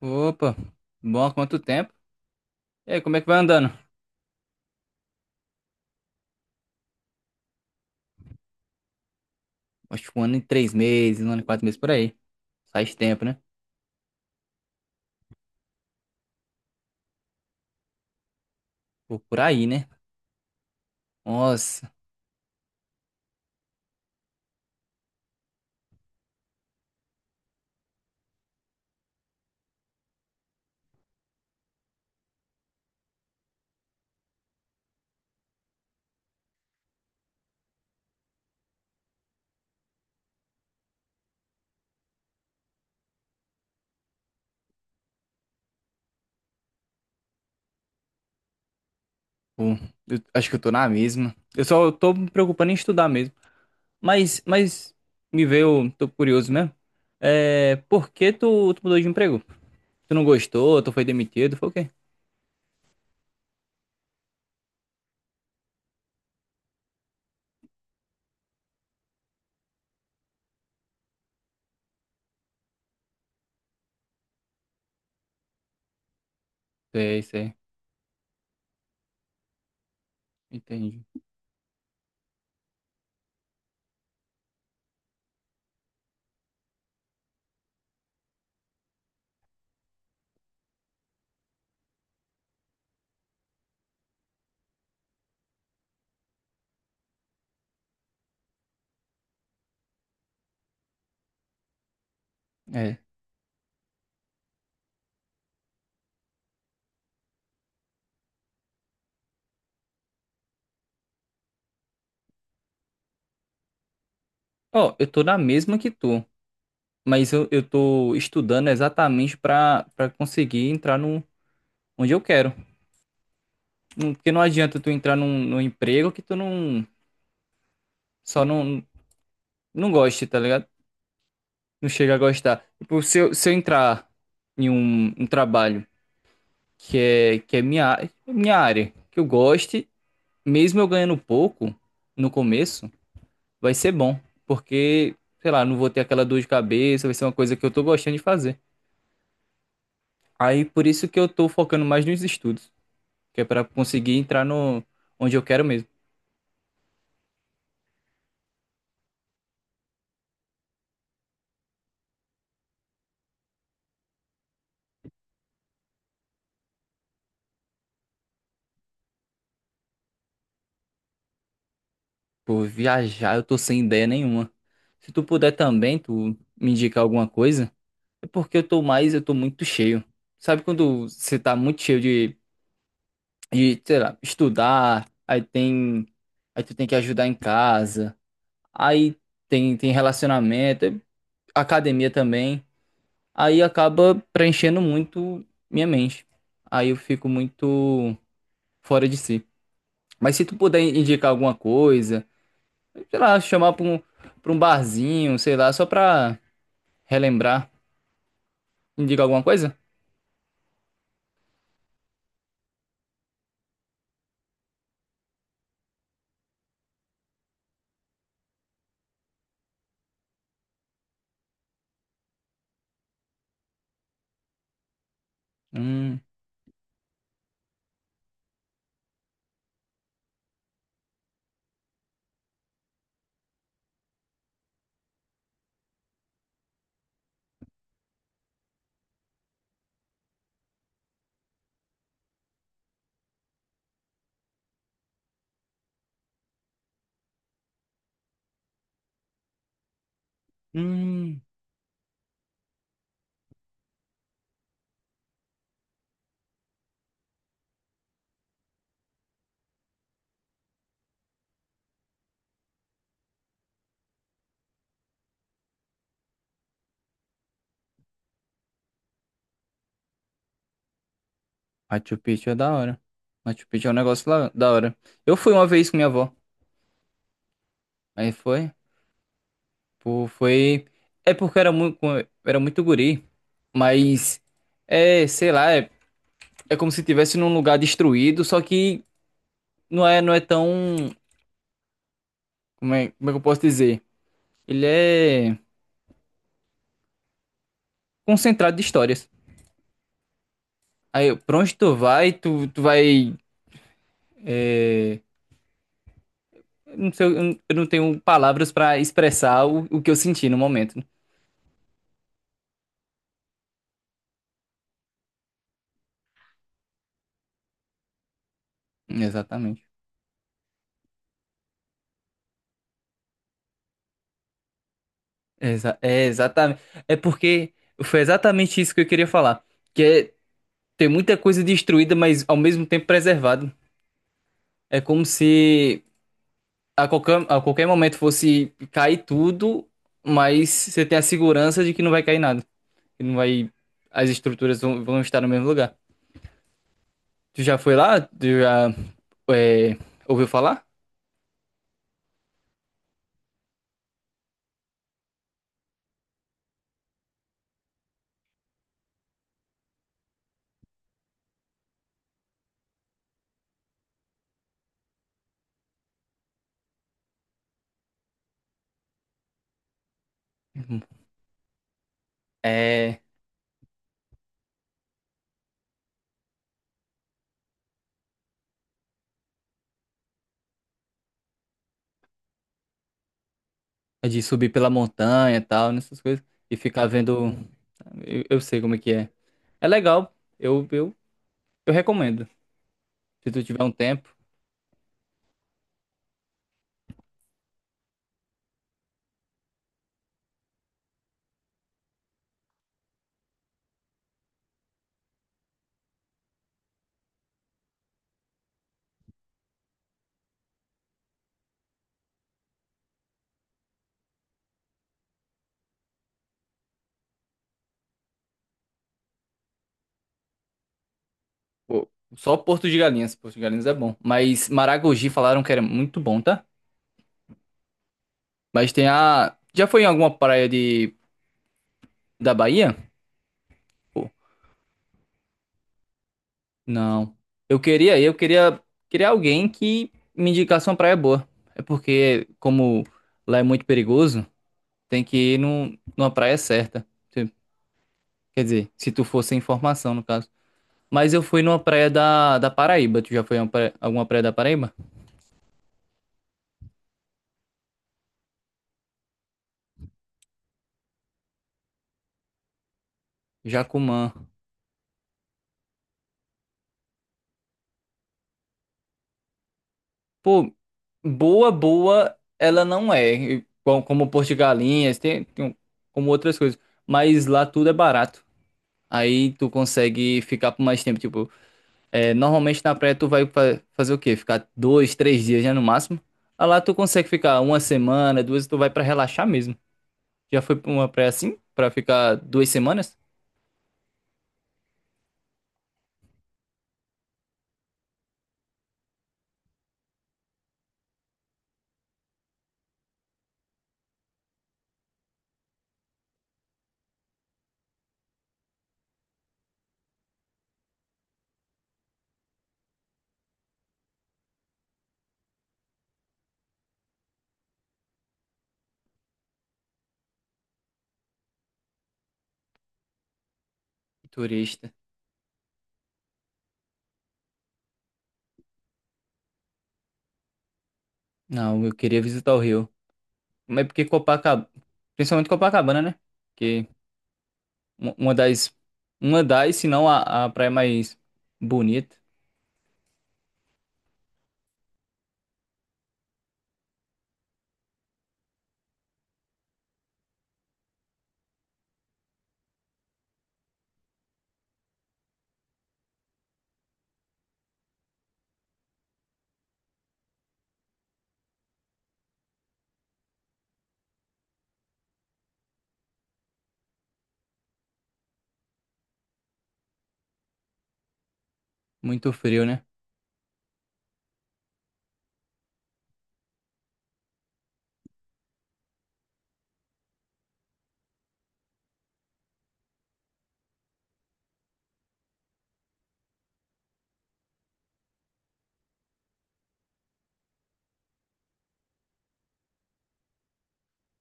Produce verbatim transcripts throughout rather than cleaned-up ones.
Opa, bom, há quanto tempo? E aí, como é que vai andando? Acho que um ano e três meses, um ano e quatro meses por aí. Faz tempo, né? Pô, por aí, né? Nossa, pô, eu acho que eu tô na mesma. Eu só tô me preocupando em estudar mesmo. Mas, mas me veio, tô curioso mesmo. É, por que tu, tu mudou de emprego? Tu não gostou, tu foi demitido, foi o quê? Sei, sei, entendi. É. Ó, eu tô na mesma que tu, mas eu, eu tô estudando exatamente pra, pra conseguir entrar no onde eu quero. Não- Porque não adianta tu entrar num, num emprego que tu não. Só não, não goste, tá ligado? Não chega a gostar. Tipo, se eu, se eu entrar em um, um trabalho que é, que é minha, á- minha área, que eu goste, mesmo eu ganhando pouco no começo, vai ser bom. Porque, sei lá, não vou ter aquela dor de cabeça, vai ser uma coisa que eu tô gostando de fazer. Aí por isso que eu tô focando mais nos estudos, que é pra conseguir entrar no onde eu quero mesmo. Por viajar eu tô sem ideia nenhuma. Se tu puder também, tu me indicar alguma coisa, é porque eu tô mais, eu tô muito cheio. Sabe quando você tá muito cheio de, de, sei lá, estudar, aí tem, aí tu tem que ajudar em casa, aí tem, tem relacionamento, academia também, aí acaba preenchendo muito minha mente. Aí eu fico muito fora de si. Mas se tu puder indicar alguma coisa, sei lá, chamar pra um, pra um barzinho, sei lá, só pra relembrar. Indica alguma coisa? Hum, hum. Machu Picchu é da hora. Machu Picchu é um negócio lá, da hora. Eu fui uma vez com minha avó. Aí foi, pô, foi. É porque eu era muito, era muito guri. Mas, é, sei lá, é, é como se estivesse num lugar destruído, só que não é, não é tão. Como é, como é que eu posso dizer? Ele é concentrado de histórias. Aí, pra onde tu vai, tu, tu vai é, não sei, eu não tenho palavras pra expressar o, o que eu senti no momento. Exatamente. Exa- é exatamente. É porque foi exatamente isso que eu queria falar. Que é ter muita coisa destruída, mas ao mesmo tempo preservada. É como se a qualquer, a qualquer momento fosse cair tudo, mas você tem a segurança de que não vai cair nada. Que não vai. As estruturas vão, vão estar no mesmo lugar. Tu já foi lá? Tu já é, ouviu falar? É. É de subir pela montanha e tal, nessas coisas. E ficar vendo. Eu, eu sei como é que é. É legal. Eu, eu, eu recomendo. Se tu tiver um tempo. Pô, só Porto de Galinhas. Porto de Galinhas é bom. Mas Maragogi falaram que era muito bom, tá? Mas tem a. Já foi em alguma praia de... da Bahia? Pô, não. Eu queria, eu queria, queria alguém que me indicasse uma praia boa. É porque, como lá é muito perigoso, tem que ir num, numa praia certa. Quer dizer, se tu for sem informação, no caso. Mas eu fui numa praia da, da Paraíba. Tu já foi em uma praia- alguma praia da Paraíba? Jacumã. Pô, boa, boa, ela não é. Como, como Porto de Galinhas, tem, tem- como outras coisas. Mas lá tudo é barato. Aí tu consegue ficar por mais tempo. Tipo, é, normalmente na praia tu vai fa- fazer o quê? Ficar dois, três dias, né, no máximo. Aí lá tu consegue ficar uma semana, duas, tu vai pra relaxar mesmo. Já foi pra uma praia assim? Pra ficar duas semanas? Turista. Não, eu queria visitar o Rio. Mas porque Copacabana, principalmente Copacabana, né? Que uma uma das, uma das, se não a, a praia mais bonita, muito frio, né?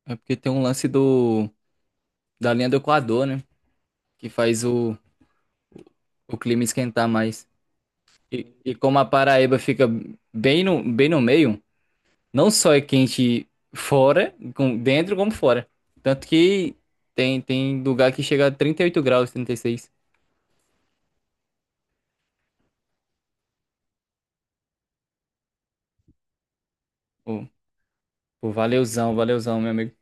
É porque tem um lance do da linha do Equador, né? Que faz o, o clima esquentar mais. E, e como a Paraíba fica bem no, bem no meio, não só é quente fora, com, dentro como fora. Tanto que tem, tem lugar que chega a trinta e oito graus, trinta e seis. Pô, pô, valeuzão, valeuzão, meu amigo.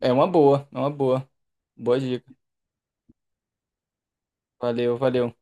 É uma boa, é uma boa. Boa dica. Valeu, valeu.